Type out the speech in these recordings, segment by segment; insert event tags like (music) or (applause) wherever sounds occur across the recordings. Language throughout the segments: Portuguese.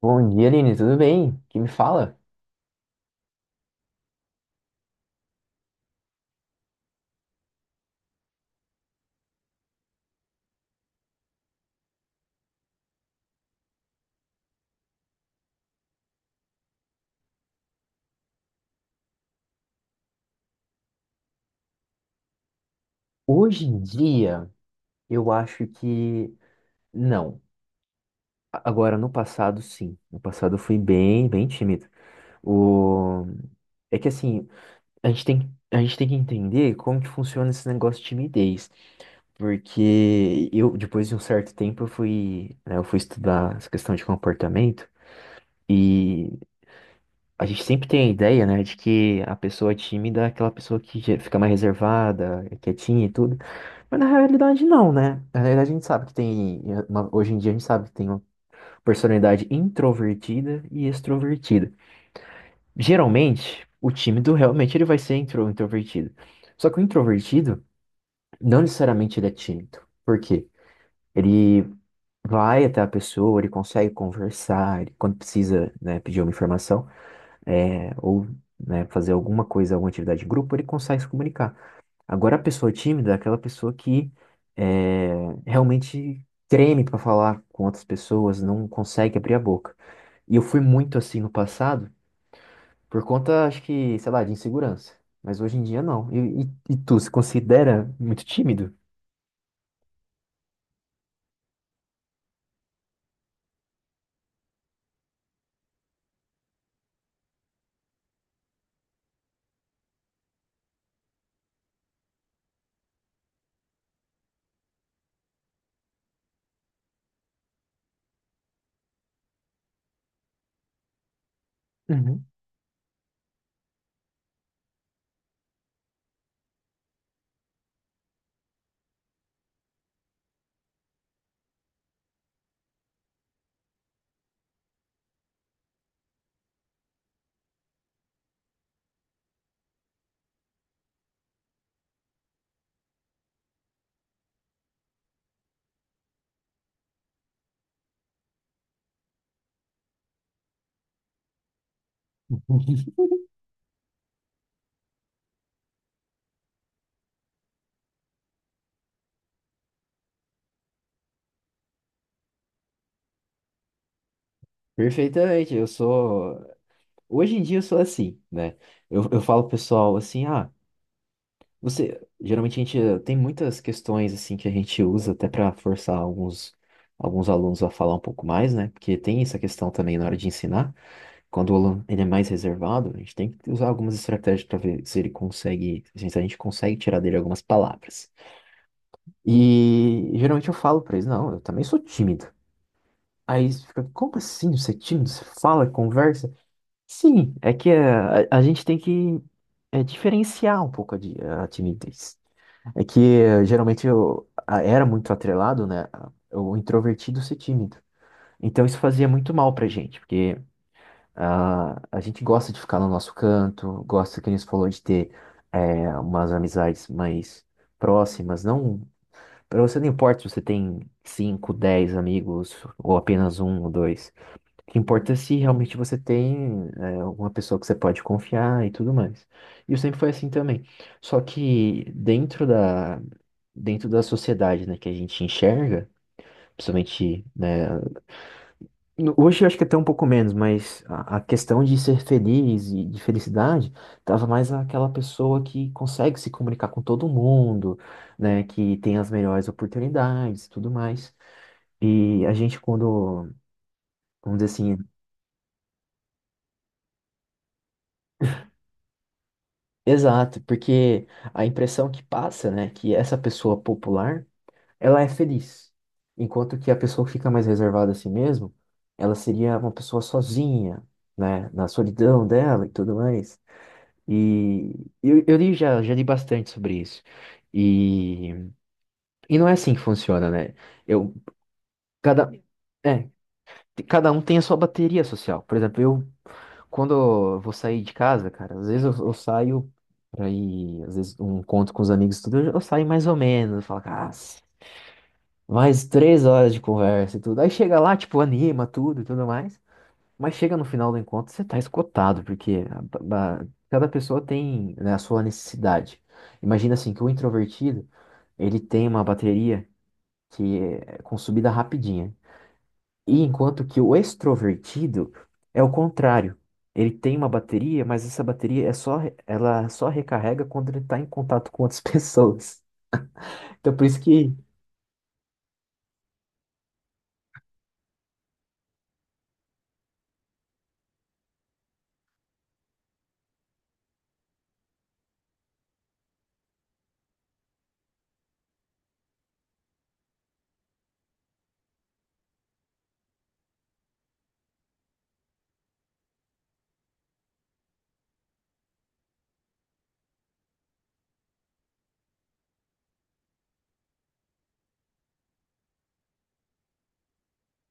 Bom dia, Aline, tudo bem? Que me fala? Hoje em dia, eu acho que não. Agora, no passado, sim. No passado, eu fui bem, bem tímido. O... É que assim, a gente tem que entender como que funciona esse negócio de timidez. Porque eu, depois de um certo tempo, eu fui estudar essa questão de comportamento e a gente sempre tem a ideia, né, de que a pessoa é tímida é aquela pessoa que já fica mais reservada, é quietinha e tudo. Mas na realidade não, né? Na realidade a gente sabe que tem, hoje em dia a gente sabe que tem uma personalidade introvertida e extrovertida. Geralmente, o tímido realmente ele vai ser introvertido. Só que o introvertido não necessariamente ele é tímido. Por quê? Ele vai até a pessoa, ele consegue conversar, ele, quando precisa, né, pedir uma informação, ou, né, fazer alguma coisa, alguma atividade em grupo, ele consegue se comunicar. Agora, a pessoa tímida é aquela pessoa que é, realmente treme para falar com outras pessoas, não consegue abrir a boca. E eu fui muito assim no passado, por conta, acho que, sei lá, de insegurança. Mas hoje em dia não. E tu se considera muito tímido? Uhum. (laughs) Perfeitamente, eu sou. Hoje em dia eu sou assim, né? Eu falo pro pessoal assim, ah. Você, geralmente a gente tem muitas questões assim que a gente usa até para forçar alguns alunos a falar um pouco mais, né? Porque tem essa questão também na hora de ensinar. Quando o aluno ele é mais reservado, a gente tem que usar algumas estratégias para ver se ele consegue, se a gente consegue tirar dele algumas palavras. E geralmente eu falo para eles, não, eu também sou tímido. Aí eles ficam, como assim você é tímido? Você fala, conversa? Sim, a gente tem que diferenciar um pouco a timidez. Geralmente era muito atrelado, né? O introvertido ser tímido. Então isso fazia muito mal pra gente, porque ah, a gente gosta de ficar no nosso canto, gosta, que a gente falou, de ter umas amizades mais próximas. Não, pra você não importa se você tem 5, 10 amigos, ou apenas um ou dois. O que importa é se realmente você tem uma pessoa que você pode confiar e tudo mais. E eu sempre foi assim também. Só que dentro da sociedade, né, que a gente enxerga, principalmente, né, hoje eu acho que até um pouco menos, mas a questão de ser feliz e de felicidade tava mais aquela pessoa que consegue se comunicar com todo mundo, né, que tem as melhores oportunidades e tudo mais. E a gente, quando, vamos dizer assim, exato, porque a impressão que passa, né, que essa pessoa popular, ela é feliz, enquanto que a pessoa que fica mais reservada a si mesmo, ela seria uma pessoa sozinha, né, na solidão dela e tudo mais. E eu, já li bastante sobre isso. E, e não é assim que funciona, né? Eu, cada, é, cada um tem a sua bateria social. Por exemplo, eu, quando eu vou sair de casa, cara, às vezes eu saio pra ir, às vezes, um encontro com os amigos, e tudo, eu saio mais ou menos, eu falo, cara, mais 3 horas de conversa e tudo. Aí chega lá, tipo, anima tudo e tudo mais. Mas chega no final do encontro, você tá esgotado, porque cada pessoa tem, né, a sua necessidade. Imagina assim, que o introvertido, ele tem uma bateria que é consumida rapidinho. E enquanto que o extrovertido é o contrário. Ele tem uma bateria, mas essa bateria é só, ela só recarrega quando ele está em contato com outras (laughs) pessoas. Então por isso que.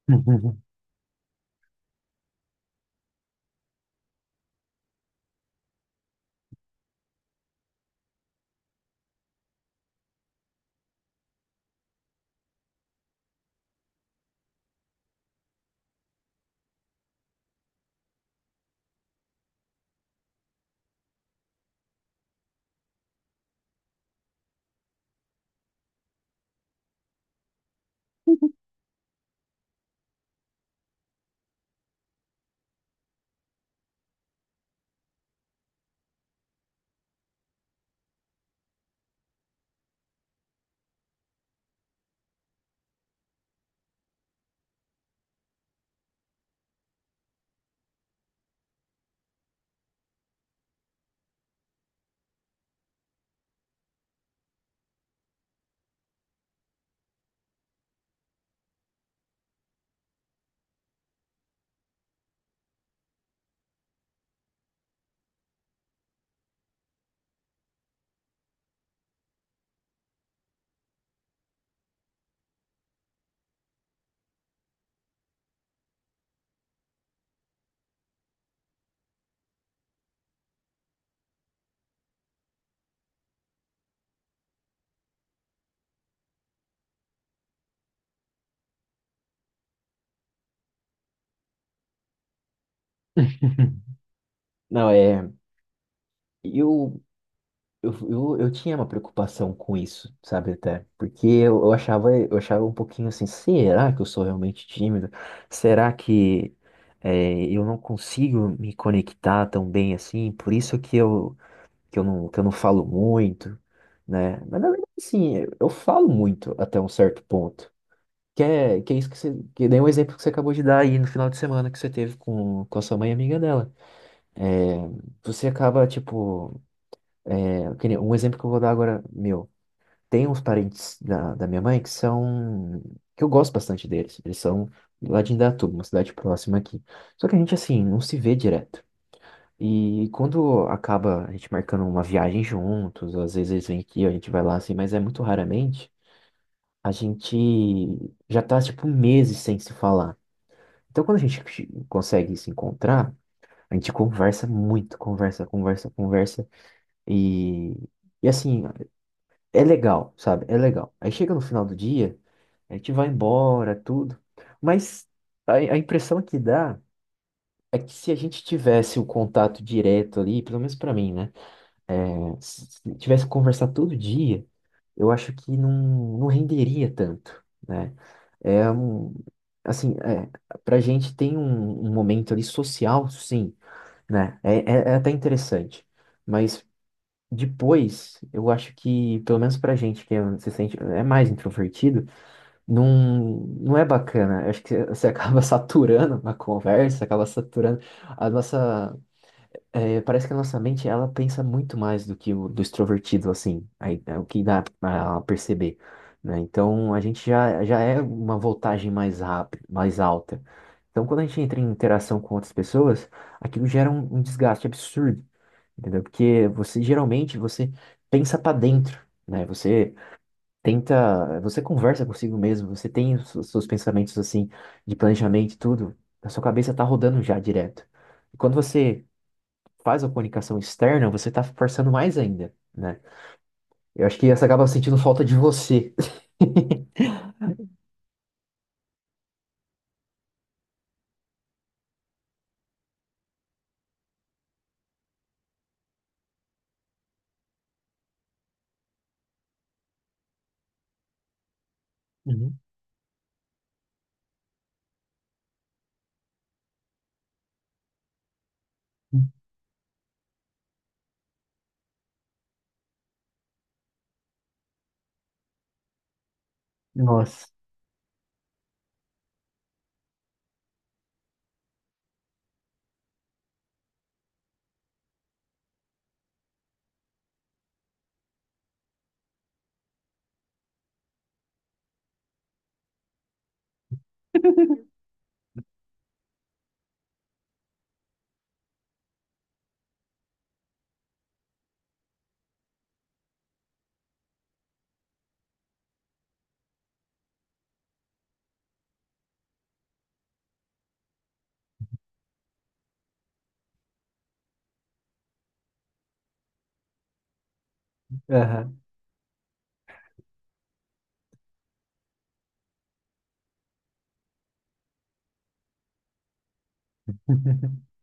(laughs) Não, é. Eu, eu tinha uma preocupação com isso, sabe, até? Porque eu, eu achava um pouquinho assim, será que eu sou realmente tímido? Será que eu não consigo me conectar tão bem assim? Por isso que eu que eu não falo muito, né? Mas na verdade, sim, eu falo muito até um certo ponto. Que é isso que você. Que nem o exemplo que você acabou de dar aí no final de semana que você teve com a sua mãe e amiga dela. É, você acaba, tipo. É, que nem um exemplo que eu vou dar agora, meu. Tem uns parentes da minha mãe que são, que eu gosto bastante deles. Eles são lá de Indaiatuba, uma cidade próxima aqui. Só que a gente, assim, não se vê direto. E quando acaba a gente marcando uma viagem juntos, às vezes eles vêm aqui, a gente vai lá assim, mas é muito raramente, a gente já tá tipo meses sem se falar. Então quando a gente consegue se encontrar, a gente conversa muito, conversa, conversa, conversa, e e assim, é legal, sabe? É legal. Aí chega no final do dia, a gente vai embora, tudo, mas a impressão que dá é que se a gente tivesse o contato direto ali, pelo menos pra mim, né? Se tivesse que conversar todo dia, eu acho que não, não renderia tanto, né? É um, assim, é, pra gente tem um, um momento ali social, sim, né? É até interessante, mas depois, eu acho que, pelo menos pra gente que é- se sente, é mais introvertido, não, não é bacana. Eu acho que você acaba (laughs) saturando a conversa, acaba saturando a nossa é, parece que a nossa mente ela pensa muito mais do que o do extrovertido, assim, aí, é o que dá a perceber, né? Então a gente já é uma voltagem mais rápida, mais alta. Então quando a gente entra em interação com outras pessoas, aquilo gera um desgaste absurdo, entendeu? Porque você geralmente você pensa para dentro, né? Você tenta, você conversa consigo mesmo, você tem os seus pensamentos assim de planejamento e tudo, a sua cabeça tá rodando já direto. E quando você faz a comunicação externa, você tá forçando mais ainda, né? Eu acho que essa acaba sentindo falta de você. (laughs) Uhum. Nossa. Aham. (laughs)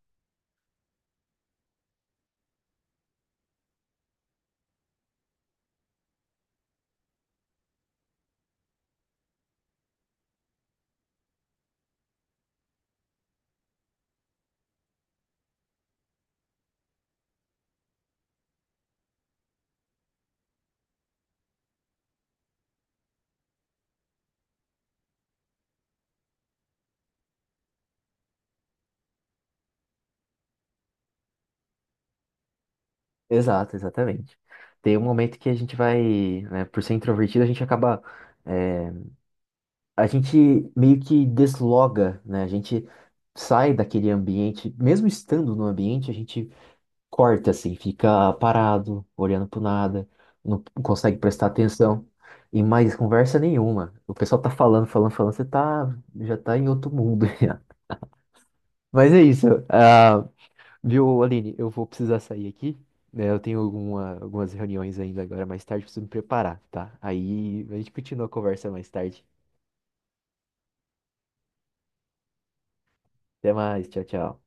Exato, exatamente. Tem um momento que a gente vai, né, por ser introvertido, a gente acaba, é, a gente meio que desloga, né? A gente sai daquele ambiente, mesmo estando no ambiente, a gente corta assim, fica parado, olhando pro nada, não consegue prestar atenção. E mais conversa nenhuma. O pessoal tá falando, falando, falando, você tá, já tá em outro mundo. (laughs) Já. Mas é isso. Ah, viu, Aline, eu vou precisar sair aqui, né? Eu tenho algumas reuniões ainda agora mais tarde, preciso me preparar, tá? Aí a gente continua a conversa mais tarde. Até mais, tchau, tchau.